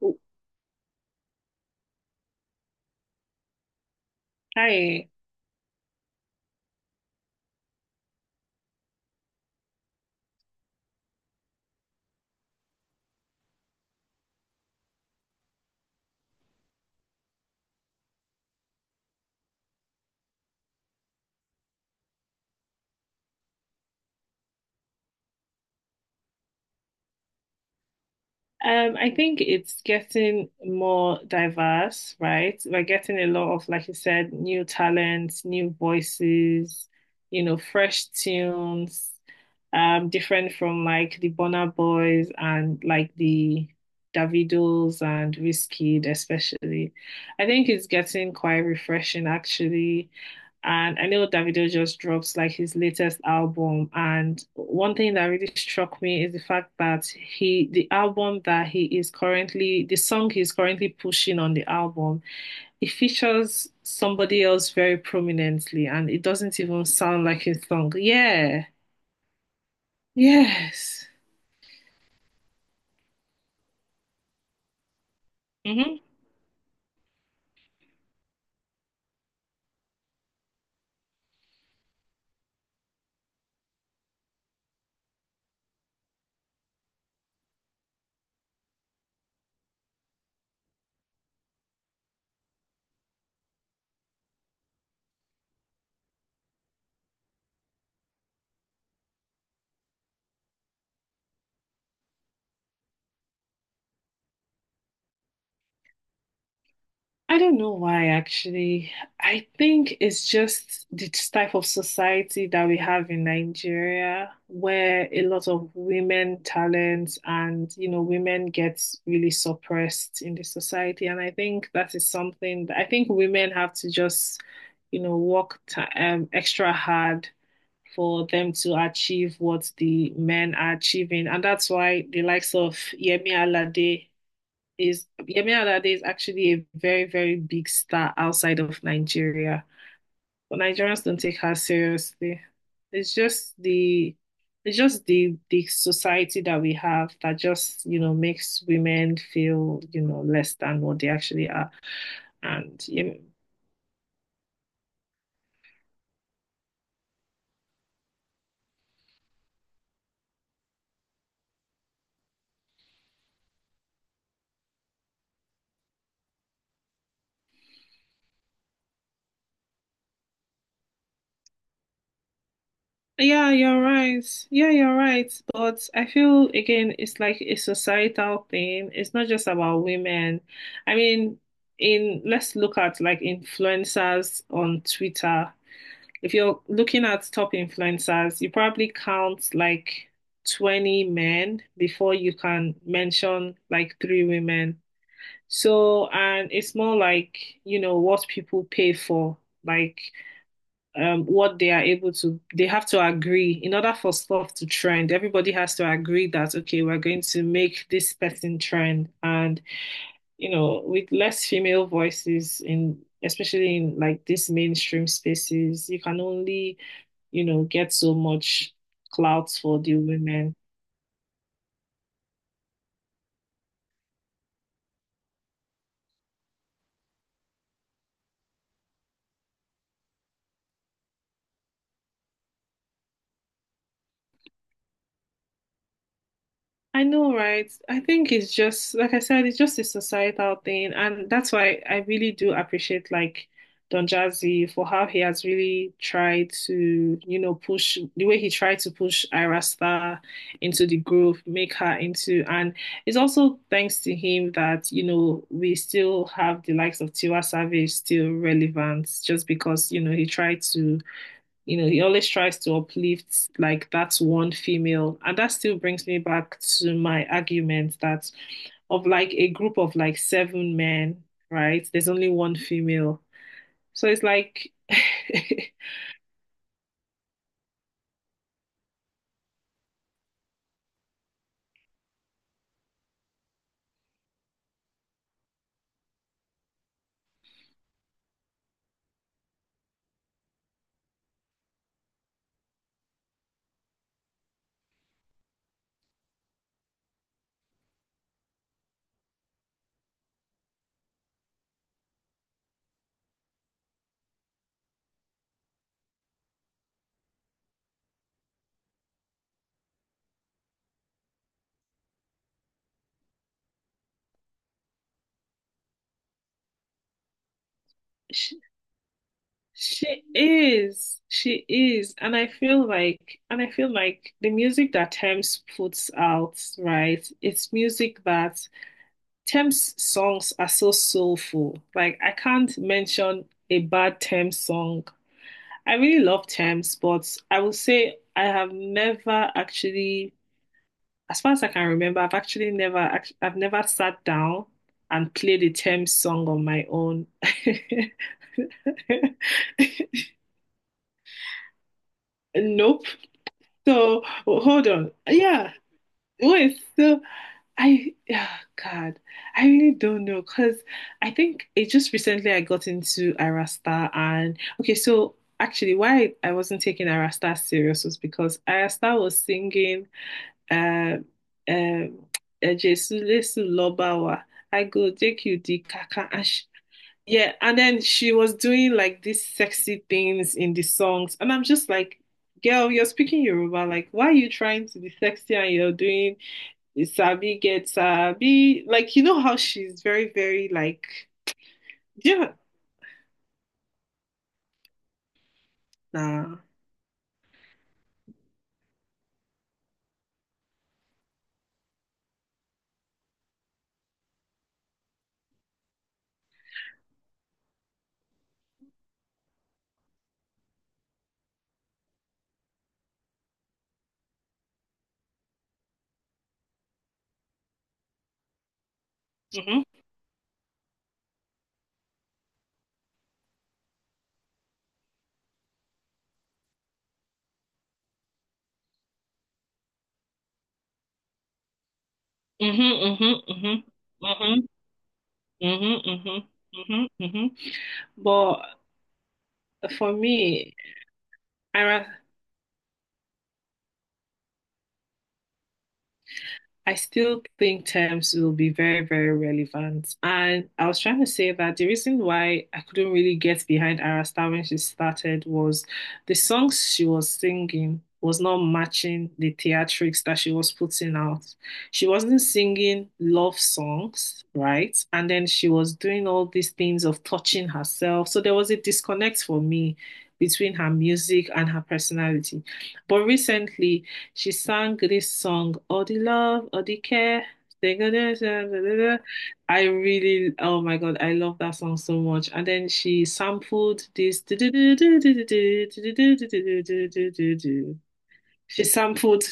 Oh, hi. I think it's getting more diverse, right? We're getting a lot of, like you said, new talents, new voices, fresh tunes, different from like the Bonner Boys and like the Davidos and Wizkid especially. I think it's getting quite refreshing actually. And I know Davido just drops like his latest album. And one thing that really struck me is the fact that he, the album that he is currently, the song he's currently pushing on the album, it features somebody else very prominently and it doesn't even sound like his song. Yeah. Yes. Mm-hmm. I don't know why, actually. I think it's just the type of society that we have in Nigeria, where a lot of women talents and, women gets really suppressed in the society. And I think that is something that I think women have to just, work ti extra hard for them to achieve what the men are achieving. And that's why the likes of Yemi Alade is actually a very, very big star outside of Nigeria. But Nigerians don't take her seriously. It's just the it's just the society that we have that just, you know, makes women feel, less than what they actually are. And Yemi, Yeah, you're right. Yeah, you're right. But I feel again, it's like a societal thing. It's not just about women. I mean, in let's look at like influencers on Twitter. If you're looking at top influencers, you probably count like 20 men before you can mention like three women. So, and it's more like, you know, what people pay for. Like, what they have to agree in order for stuff to trend. Everybody has to agree that okay, we're going to make this person trend, and with less female voices in especially in like these mainstream spaces, you can only get so much clout for the women. I know, right? I think it's just, like I said, it's just a societal thing. And that's why I really do appreciate like Don Jazzy, for how he has really tried to, push, the way he tried to push Ira Star into the groove, make her into, and it's also thanks to him that, you know, we still have the likes of Tiwa Savage still relevant just because, he tried to you know, he always tries to uplift, like that's one female. And that still brings me back to my argument that of like a group of like seven men, right? There's only one female. So it's like. she, she is. She is. And I feel like and I feel like the music that Tems puts out, right? It's music that Tems songs are so soulful. Like I can't mention a bad Tems song. I really love terms, but I will say I have never actually, as far as I can remember, I've never sat down and played a terms song on my own. Nope. So hold on. Yeah, wait. So oh God, I really don't know because I think it just recently I got into Arasta, and okay, so actually why I wasn't taking Arasta serious was because Arasta was singing uh, um "E Jesu Lesu Lobawa, I go take you the kaka," and yeah, and then she was doing like these sexy things in the songs, and I'm just like, girl, you're speaking Yoruba, like why are you trying to be sexy and you're doing you sabi get sabi. Like you know how she's very, very like yeah. Nah. Mm-hmm. Mm-hmm. Mm-hmm. Mm-hmm. Mm-hmm. Mm-hmm. Mm-hmm. Mm-hmm. But for me, I ra- I still think terms will be very, very relevant. And I was trying to say that the reason why I couldn't really get behind Arasta when she started was the songs she was singing was not matching the theatrics that she was putting out. She wasn't singing love songs, right? And then she was doing all these things of touching herself. So there was a disconnect for me between her music and her personality. But recently, she sang this song, "All the Love, All the Care." I really, oh my God, I love that song so much. And then she sampled this. She sampled,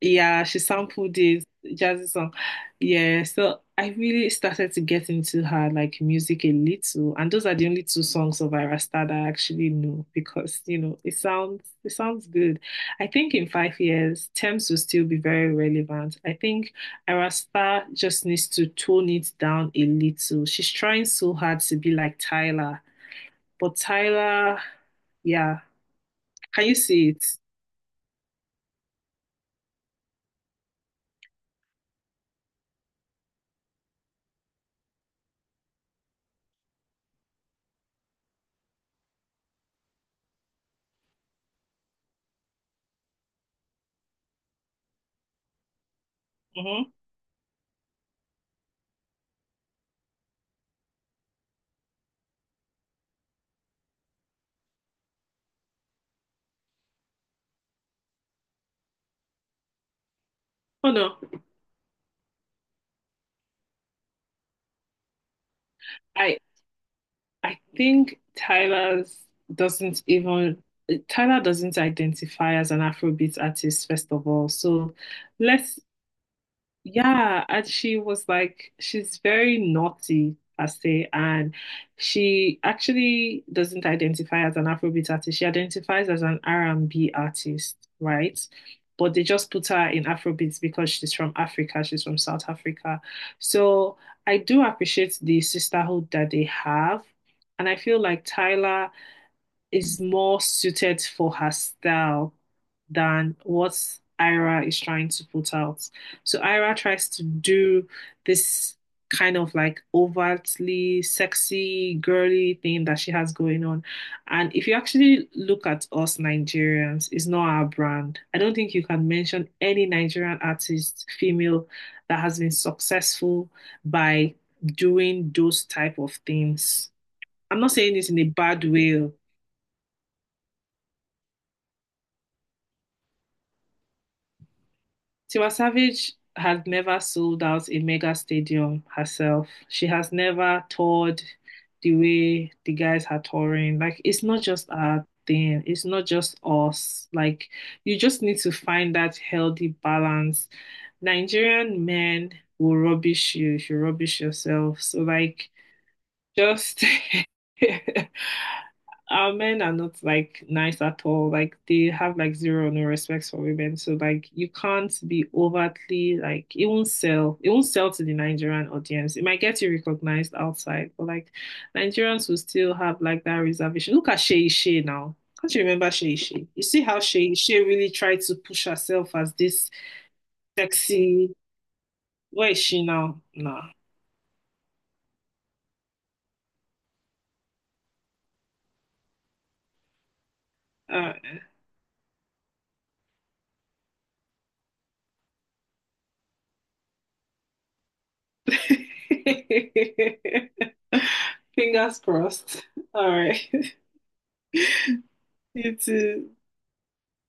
yeah, she sampled this jazzy song. Yeah, so I really started to get into her like music a little, and those are the only two songs of Ira Star that I actually know, because it sounds good. I think in 5 years, Thames will still be very relevant. I think Ira Star just needs to tone it down a little. She's trying so hard to be like Tyler, but yeah, can you see it? hmm Oh no. I I think doesn't even Tyler doesn't identify as an Afrobeat artist, first of all. So let's yeah, and she was like, she's very naughty, I say, and she actually doesn't identify as an Afrobeat artist. She identifies as an R&B artist, right? But they just put her in Afrobeats because she's from Africa, she's from South Africa. So I do appreciate the sisterhood that they have. And I feel like Tyler is more suited for her style than what Ira is trying to put out. So Ira tries to do this kind of like overtly sexy, girly thing that she has going on. And if you actually look at us Nigerians, it's not our brand. I don't think you can mention any Nigerian artist, female, that has been successful by doing those type of things. I'm not saying this in a bad way. Tiwa Savage has never sold out a mega stadium herself. She has never toured the way the guys are touring. Like, it's not just our thing, it's not just us. Like, you just need to find that healthy balance. Nigerian men will rubbish you if you rubbish yourself. So, like, just our men are not like nice at all. Like they have like zero or no respects for women. So like you can't be overtly, like, it won't sell. It won't sell to the Nigerian audience. It might get you recognized outside, but like Nigerians will still have like that reservation. Look at Shay Shay now. Can't you remember Shay Shay? You see how Shay Shay really tried to push herself as this sexy. Where is she now? Nah. Uh, Fingers crossed. All right. You too.